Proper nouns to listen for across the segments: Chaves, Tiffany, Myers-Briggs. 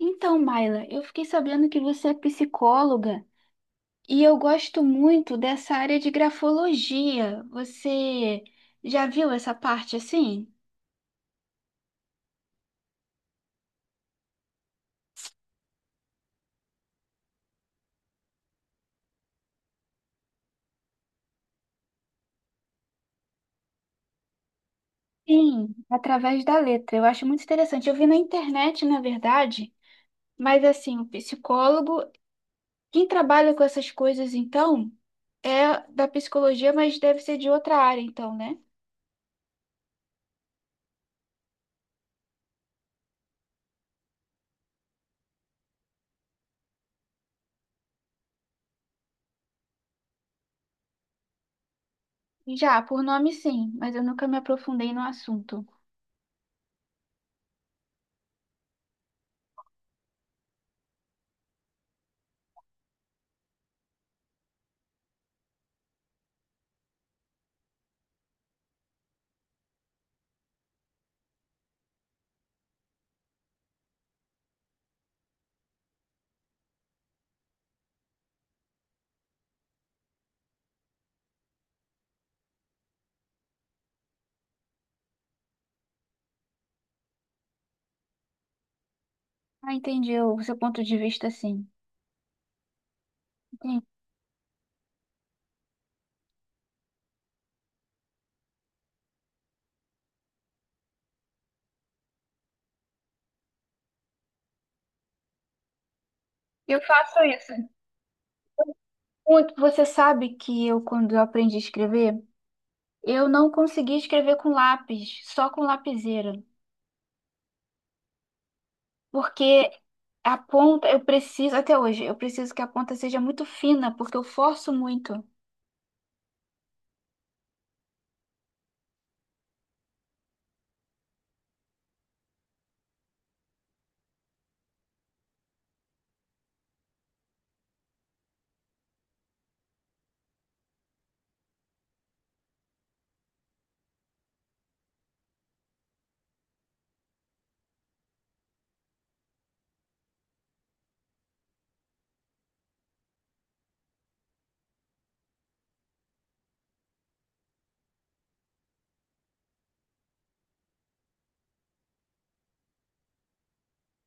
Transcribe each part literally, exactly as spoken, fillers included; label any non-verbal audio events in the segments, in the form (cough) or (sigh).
Então, Maila, eu fiquei sabendo que você é psicóloga e eu gosto muito dessa área de grafologia. Você já viu essa parte assim? Sim, através da letra. Eu acho muito interessante. Eu vi na internet, na verdade, mas assim, o psicólogo, quem trabalha com essas coisas então, é da psicologia, mas deve ser de outra área então, né? Já, por nome sim, mas eu nunca me aprofundei no assunto. Ah, entendi o seu ponto de vista, sim. Entendi. Eu faço isso. Muito. Você sabe que eu, quando eu aprendi a escrever, eu não conseguia escrever com lápis, só com lapiseira. Porque a ponta, eu preciso, até hoje, eu preciso que a ponta seja muito fina, porque eu forço muito.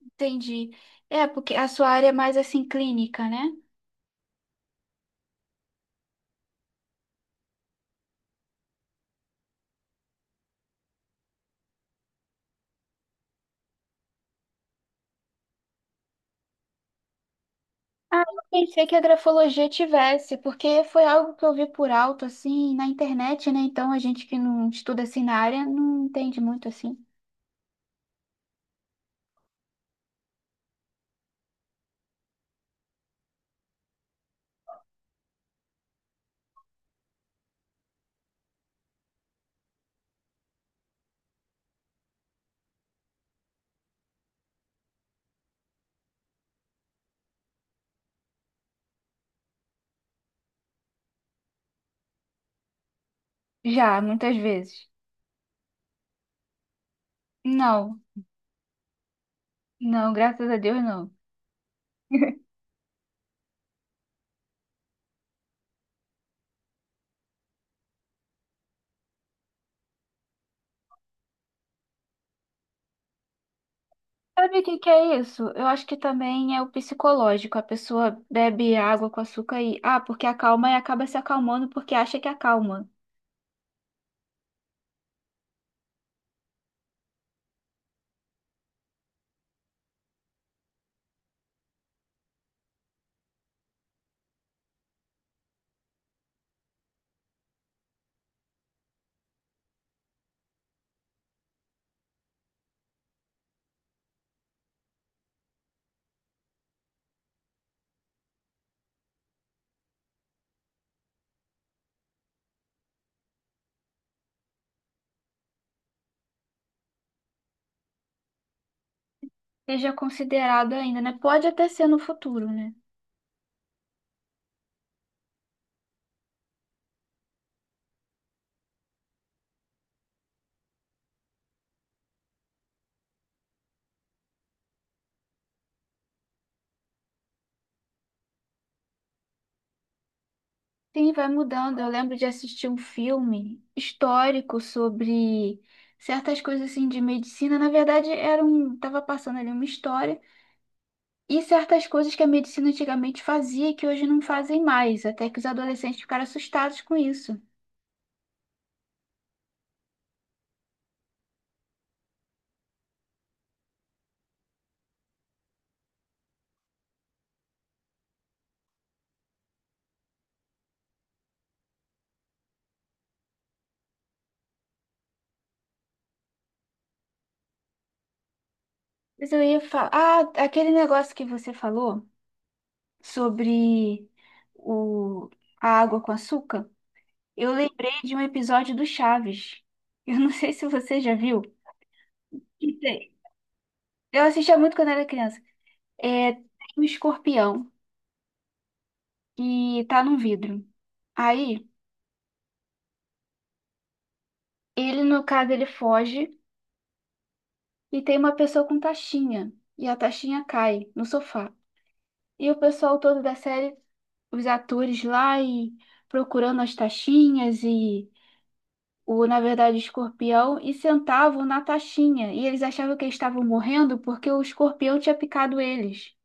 Entendi. É, porque a sua área é mais assim clínica, né? Ah, eu pensei que a grafologia tivesse, porque foi algo que eu vi por alto, assim, na internet, né? Então a gente que não estuda assim na área não entende muito assim. Já, muitas vezes. Não, não, graças a Deus não. Sabe o que que é isso? Eu acho que também é o psicológico. A pessoa bebe água com açúcar e, ah, porque acalma e acaba se acalmando porque acha que acalma. Seja considerado ainda, né? Pode até ser no futuro, né? Sim, vai mudando. Eu lembro de assistir um filme histórico sobre certas coisas assim de medicina. Na verdade, era um, tava passando ali uma história e certas coisas que a medicina antigamente fazia e que hoje não fazem mais, até que os adolescentes ficaram assustados com isso. Mas eu ia falar. Ah, aquele negócio que você falou sobre o... a água com açúcar. Eu lembrei de um episódio do Chaves. (laughs) Eu não sei se você já viu. Que tem- Eu assistia muito quando era criança. É, tem um escorpião que tá num vidro. Aí, ele, no caso, ele foge e tem uma pessoa com taxinha. E a taxinha cai no sofá. E o pessoal todo da série, os atores lá e procurando as taxinhas e o, na verdade, escorpião e sentavam na taxinha. E eles achavam que eles estavam morrendo porque o escorpião tinha picado eles.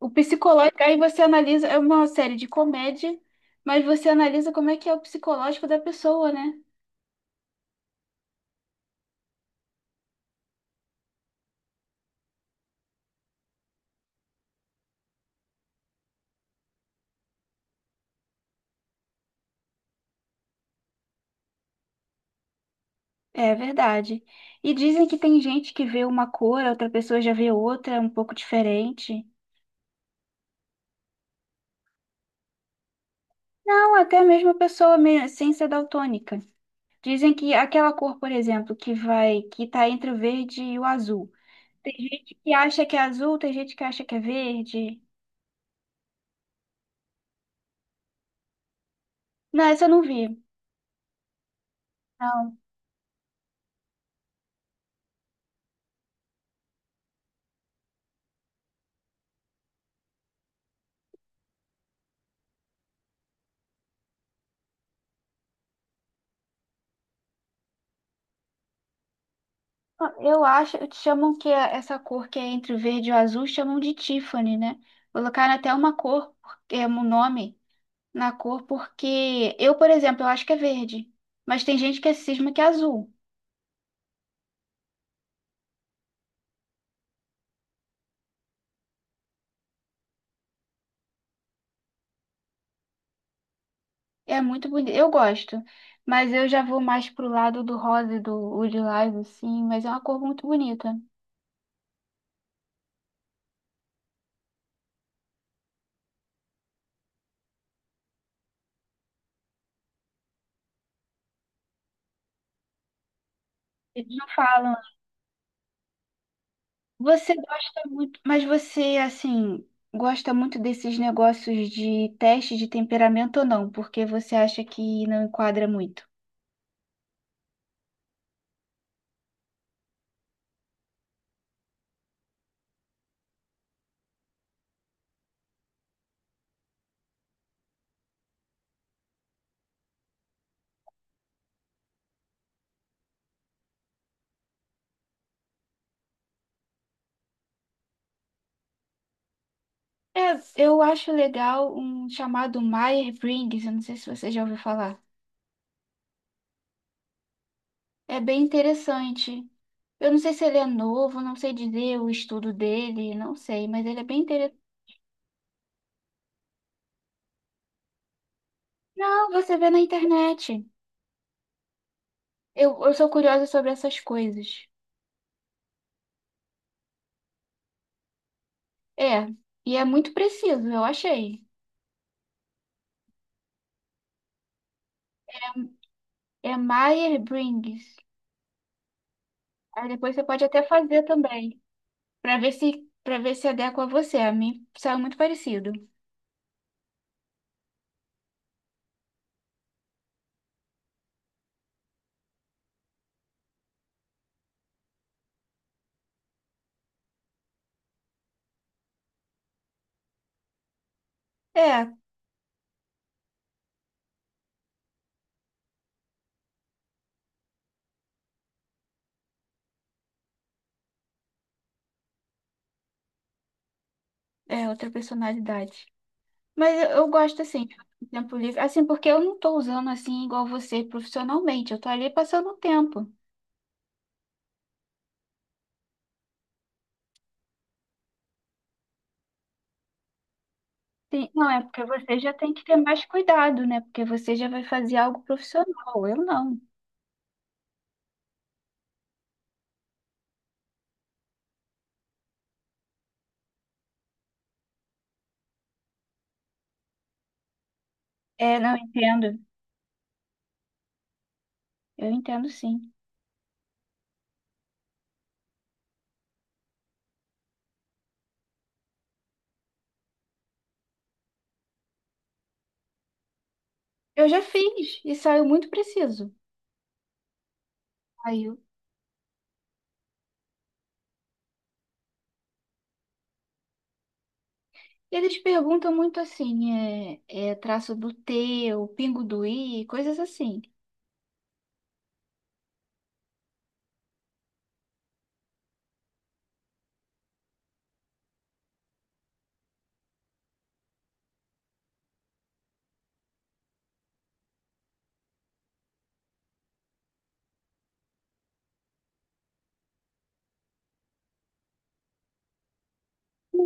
O psicológico, aí você analisa, é uma série de comédia, mas você analisa como é que é o psicológico da pessoa, né? É verdade. E dizem que tem gente que vê uma cor, a outra pessoa já vê outra, um pouco diferente. Não, até mesmo a pessoa me- sem ser daltônica. Dizem que aquela cor, por exemplo, que vai, que tá entre o verde e o azul. Tem gente que acha que é azul, tem gente que acha que é verde. Não, essa eu não vi. Não. Ah, eu acho, chamam que é- essa cor que é entre o verde e o azul, chamam de Tiffany, né? Colocaram até uma cor, é um nome na cor, porque eu, por exemplo, eu acho que é verde, mas tem gente que é cisma que é azul. É muito bonito, eu gosto, mas eu já vou mais pro lado do rosa e do o lilás, assim, mas é uma cor muito bonita. Eles não falam. Você gosta muito, mas você, assim, gosta muito desses negócios de teste de temperamento ou não? Porque você acha que não enquadra muito? É, eu acho legal um chamado Myers-Briggs, eu não sei se você já ouviu falar. É bem interessante. Eu não sei se ele é novo, não sei dizer o estudo dele, não sei, mas ele é bem interessante. Não, você vê na internet. Eu, eu sou curiosa sobre essas coisas. É, e é muito preciso, eu achei. É Myers-Briggs. Aí depois você pode até fazer também, pra ver se para ver se adequa a você. A mim saiu muito parecido. É, é outra personalidade. Mas eu, eu gosto assim, do tempo livre, assim, porque eu não tô usando assim igual você profissionalmente. Eu tô ali passando o tempo. Sim, não é porque você já tem que ter mais cuidado, né? Porque você já vai fazer algo profissional. Eu não. É, não entendo. Eu entendo sim. Eu já fiz e saiu muito preciso. Saiu. Eles perguntam muito assim, é, é traço do T, o pingo do I, coisas assim.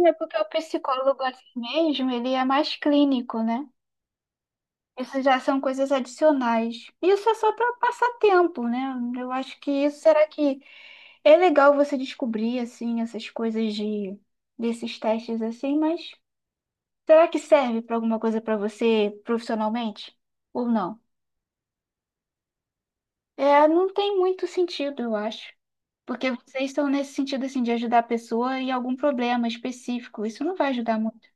É porque o psicólogo assim mesmo, ele é mais clínico, né? Isso já são coisas adicionais. Isso é só para passar tempo, né? Eu acho que isso, será que é legal você descobrir assim essas coisas de desses testes assim, mas será que serve para alguma coisa para você profissionalmente ou não? É, não tem muito sentido, eu acho. Porque vocês estão nesse sentido assim de ajudar a pessoa em algum problema específico. Isso não vai ajudar muito.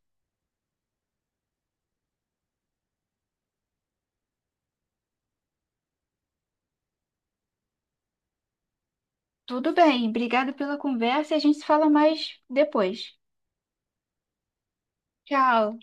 Tudo bem, obrigado pela conversa e a gente se fala mais depois. Tchau.